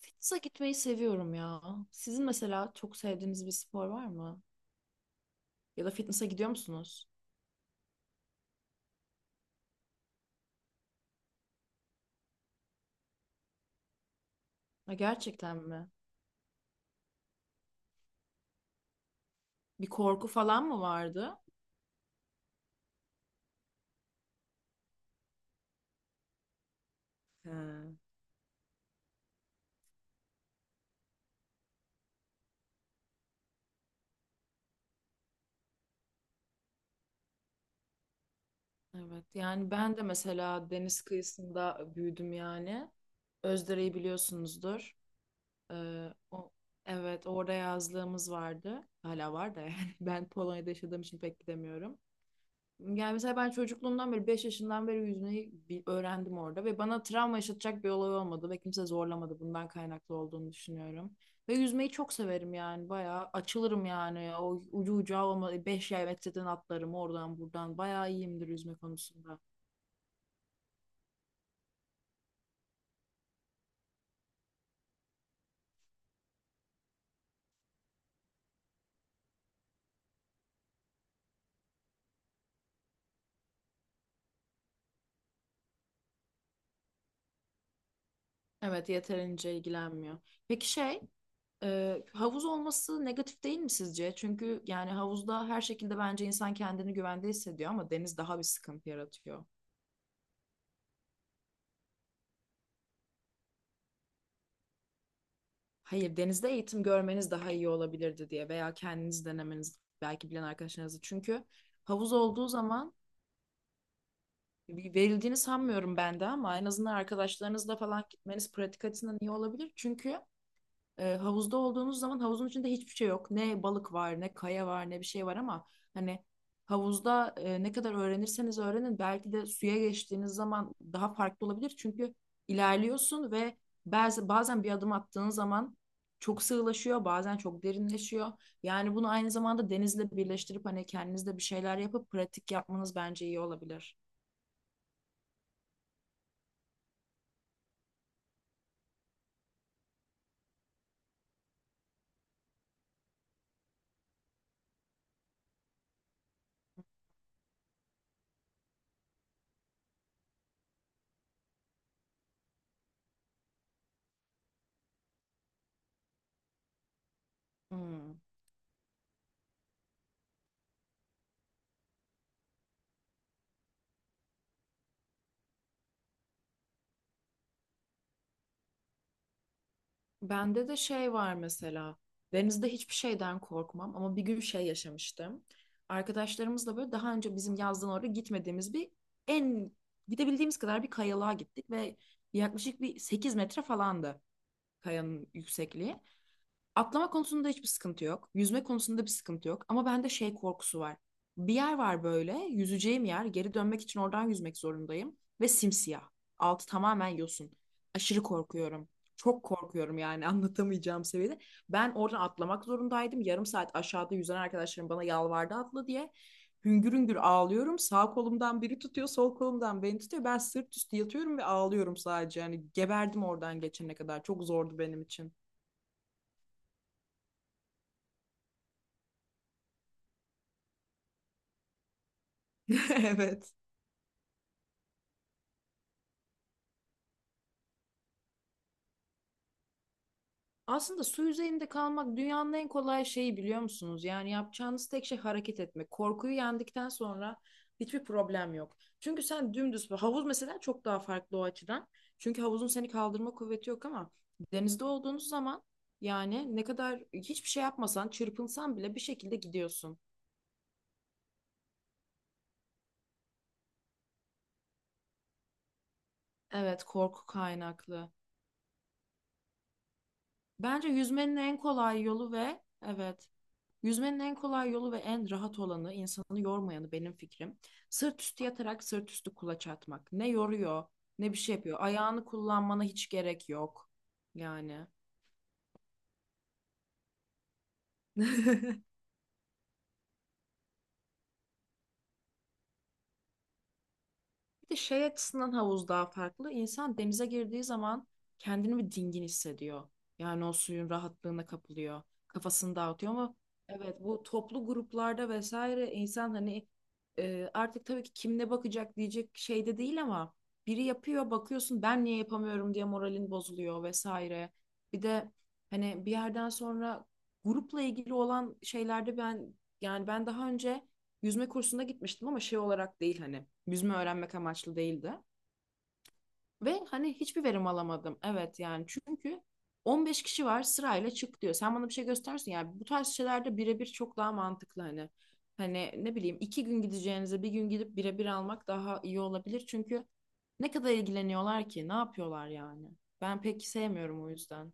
Fitness'a gitmeyi seviyorum ya. Sizin mesela çok sevdiğiniz bir spor var mı? Ya da fitness'a gidiyor musunuz? Ha, gerçekten mi? Bir korku falan mı vardı? Ha. Evet yani ben de mesela deniz kıyısında büyüdüm yani. Özdere'yi biliyorsunuzdur. Ee, o, evet orada yazlığımız vardı. Hala var da yani ben Polonya'da yaşadığım için pek gidemiyorum. Yani mesela ben çocukluğumdan beri 5 yaşından beri yüzmeyi öğrendim orada ve bana travma yaşatacak bir olay olmadı ve kimse zorlamadı, bundan kaynaklı olduğunu düşünüyorum. Ve yüzmeyi çok severim yani bayağı açılırım yani o ucu ucağı olma, 5 yay metreden atlarım oradan buradan, bayağı iyiyimdir yüzme konusunda. Evet, yeterince ilgilenmiyor. Peki, havuz olması negatif değil mi sizce? Çünkü yani havuzda her şekilde bence insan kendini güvende hissediyor ama deniz daha bir sıkıntı yaratıyor. Hayır, denizde eğitim görmeniz daha iyi olabilirdi diye, veya kendiniz denemeniz belki, bilen arkadaşlarınızı. Çünkü havuz olduğu zaman verildiğini sanmıyorum ben de, ama en azından arkadaşlarınızla falan gitmeniz pratik açısından iyi olabilir. Çünkü havuzda olduğunuz zaman havuzun içinde hiçbir şey yok. Ne balık var, ne kaya var, ne bir şey var ama hani havuzda ne kadar öğrenirseniz öğrenin, belki de suya geçtiğiniz zaman daha farklı olabilir. Çünkü ilerliyorsun ve bazen bir adım attığın zaman çok sığlaşıyor, bazen çok derinleşiyor. Yani bunu aynı zamanda denizle birleştirip hani kendinizde bir şeyler yapıp pratik yapmanız bence iyi olabilir. Hmm. Bende de şey var mesela. Denizde hiçbir şeyden korkmam ama bir gün şey yaşamıştım. Arkadaşlarımızla böyle daha önce bizim yazdan oraya gitmediğimiz bir en gidebildiğimiz kadar bir kayalığa gittik ve yaklaşık bir 8 metre falandı kayanın yüksekliği. Atlama konusunda hiçbir sıkıntı yok. Yüzme konusunda bir sıkıntı yok. Ama bende şey korkusu var. Bir yer var böyle, yüzeceğim yer. Geri dönmek için oradan yüzmek zorundayım. Ve simsiyah. Altı tamamen yosun. Aşırı korkuyorum. Çok korkuyorum yani anlatamayacağım seviyede. Ben oradan atlamak zorundaydım. Yarım saat aşağıda yüzen arkadaşlarım bana yalvardı atla diye. Hüngür hüngür ağlıyorum. Sağ kolumdan biri tutuyor, sol kolumdan beni tutuyor. Ben sırt üstü yatıyorum ve ağlıyorum sadece. Yani geberdim oradan geçene kadar. Çok zordu benim için. Evet. Aslında su üzerinde kalmak dünyanın en kolay şeyi biliyor musunuz? Yani yapacağınız tek şey hareket etmek. Korkuyu yendikten sonra hiçbir problem yok. Çünkü sen dümdüz havuz mesela çok daha farklı o açıdan. Çünkü havuzun seni kaldırma kuvveti yok ama denizde olduğunuz zaman yani ne kadar hiçbir şey yapmasan, çırpınsan bile bir şekilde gidiyorsun. Evet, korku kaynaklı. Bence yüzmenin en kolay yolu, ve evet. Yüzmenin en kolay yolu ve en rahat olanı, insanı yormayanı, benim fikrim, sırt üstü yatarak sırt üstü kulaç atmak. Ne yoruyor, ne bir şey yapıyor. Ayağını kullanmana hiç gerek yok. Yani. Bir de şey açısından havuz daha farklı. İnsan denize girdiği zaman kendini bir dingin hissediyor. Yani o suyun rahatlığına kapılıyor. Kafasını dağıtıyor ama evet, bu toplu gruplarda vesaire insan hani artık tabii ki kim ne bakacak diyecek şeyde değil ama biri yapıyor bakıyorsun ben niye yapamıyorum diye moralin bozuluyor vesaire. Bir de hani bir yerden sonra grupla ilgili olan şeylerde ben, yani ben daha önce yüzme kursuna gitmiştim ama şey olarak değil, hani yüzme öğrenmek amaçlı değildi. Ve hani hiçbir verim alamadım. Evet yani çünkü 15 kişi var sırayla çık diyor. Sen bana bir şey göstersin, yani bu tarz şeylerde birebir çok daha mantıklı hani. Hani ne bileyim 2 gün gideceğinize bir gün gidip birebir almak daha iyi olabilir. Çünkü ne kadar ilgileniyorlar ki, ne yapıyorlar yani. Ben pek sevmiyorum o yüzden.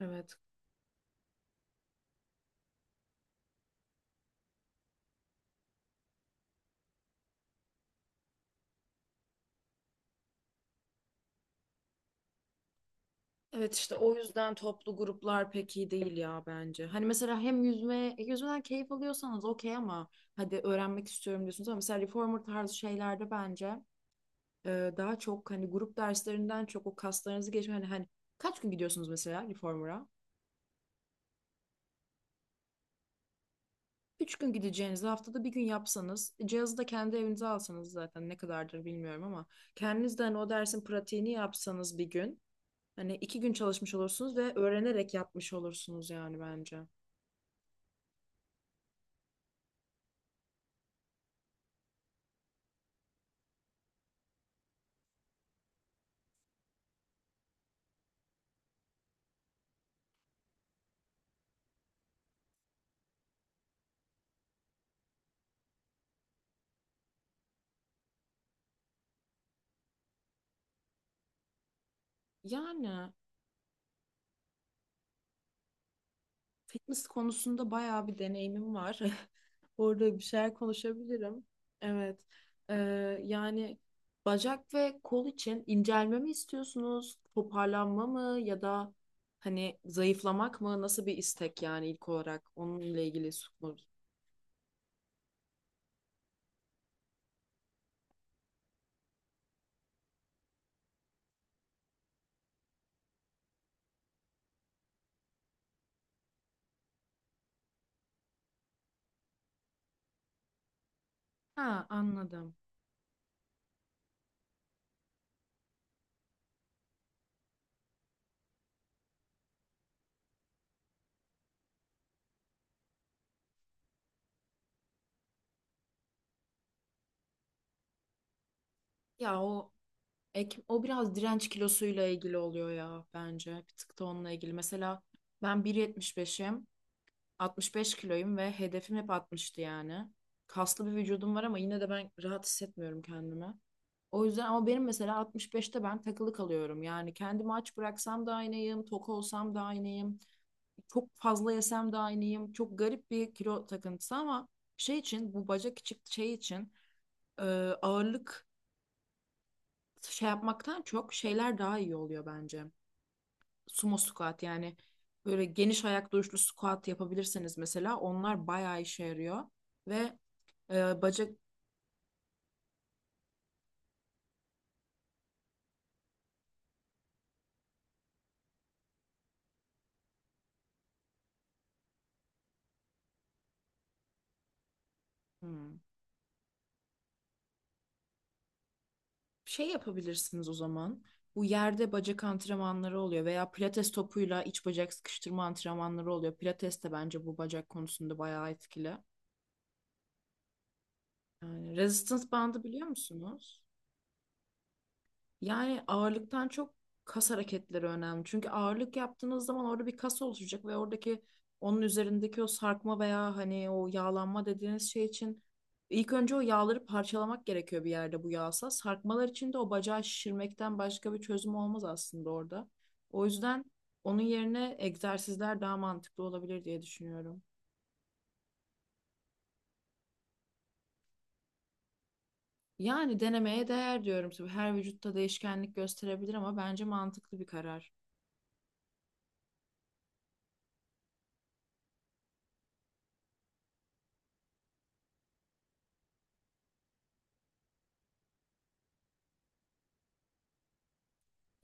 Evet, evet, işte o yüzden toplu gruplar pek iyi değil ya bence. Hani mesela hem yüzme, yüzmeden keyif alıyorsanız okey ama hadi öğrenmek istiyorum diyorsunuz, ama mesela reformer tarzı şeylerde bence daha çok hani grup derslerinden çok o kaslarınızı geçme, hani kaç gün gidiyorsunuz mesela reformer'a? 3 gün gideceğinizi haftada bir gün yapsanız, cihazı da kendi evinize alsanız, zaten ne kadardır bilmiyorum ama, kendiniz de hani o dersin pratiğini yapsanız bir gün, hani 2 gün çalışmış olursunuz ve öğrenerek yapmış olursunuz yani bence. Yani fitness konusunda bayağı bir deneyimim var. Orada bir şeyler konuşabilirim. Evet. Ee, yani bacak ve kol için incelme mi istiyorsunuz? Toparlanma mı, ya da hani zayıflamak mı? Nasıl bir istek yani, ilk olarak onunla ilgili soru. Ha, anladım. Ya o biraz direnç kilosuyla ilgili oluyor ya bence. Bir tık da onunla ilgili. Mesela ben 1.75'im. 65 kiloyum ve hedefim hep 60'tı yani. Kaslı bir vücudum var ama yine de ben rahat hissetmiyorum kendimi. O yüzden, ama benim mesela 65'te ben takılı kalıyorum. Yani kendimi aç bıraksam da aynıyım, tok olsam da aynıyım, çok fazla yesem de aynıyım. Çok garip bir kilo takıntısı ama şey için, bu bacak içi şey için, e, ağırlık şey yapmaktan çok şeyler daha iyi oluyor bence, sumo squat yani, böyle geniş ayak duruşlu squat yapabilirseniz mesela onlar bayağı işe yarıyor. Ve e, bacak hmm, şey yapabilirsiniz o zaman. Bu yerde bacak antrenmanları oluyor, veya pilates topuyla iç bacak sıkıştırma antrenmanları oluyor. Pilates de bence bu bacak konusunda bayağı etkili. Yani resistance bandı biliyor musunuz? Yani ağırlıktan çok kas hareketleri önemli. Çünkü ağırlık yaptığınız zaman orada bir kas oluşacak ve oradaki, onun üzerindeki o sarkma veya hani o yağlanma dediğiniz şey için, ilk önce o yağları parçalamak gerekiyor bir yerde, bu yağsa. Sarkmalar için de o bacağı şişirmekten başka bir çözüm olmaz aslında orada. O yüzden onun yerine egzersizler daha mantıklı olabilir diye düşünüyorum. Yani denemeye değer diyorum. Tabii her vücutta değişkenlik gösterebilir ama bence mantıklı bir karar.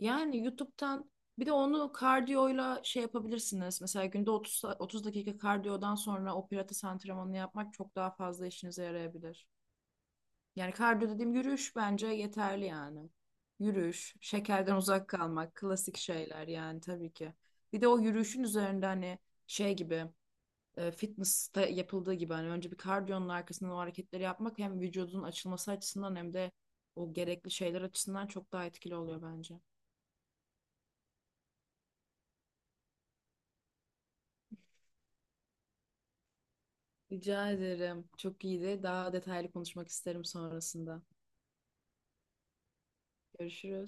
Yani YouTube'dan bir de onu kardiyoyla şey yapabilirsiniz. Mesela günde 30, 30 dakika kardiyodan sonra o pilates antrenmanını yapmak çok daha fazla işinize yarayabilir. Yani kardiyo dediğim yürüyüş bence yeterli yani. Yürüyüş, şekerden uzak kalmak, klasik şeyler yani tabii ki. Bir de o yürüyüşün üzerinde hani şey gibi, fitness'ta yapıldığı gibi hani önce bir kardiyonun arkasından o hareketleri yapmak, hem vücudun açılması açısından hem de o gerekli şeyler açısından çok daha etkili oluyor bence. Rica ederim. Çok iyiydi. Daha detaylı konuşmak isterim sonrasında. Görüşürüz.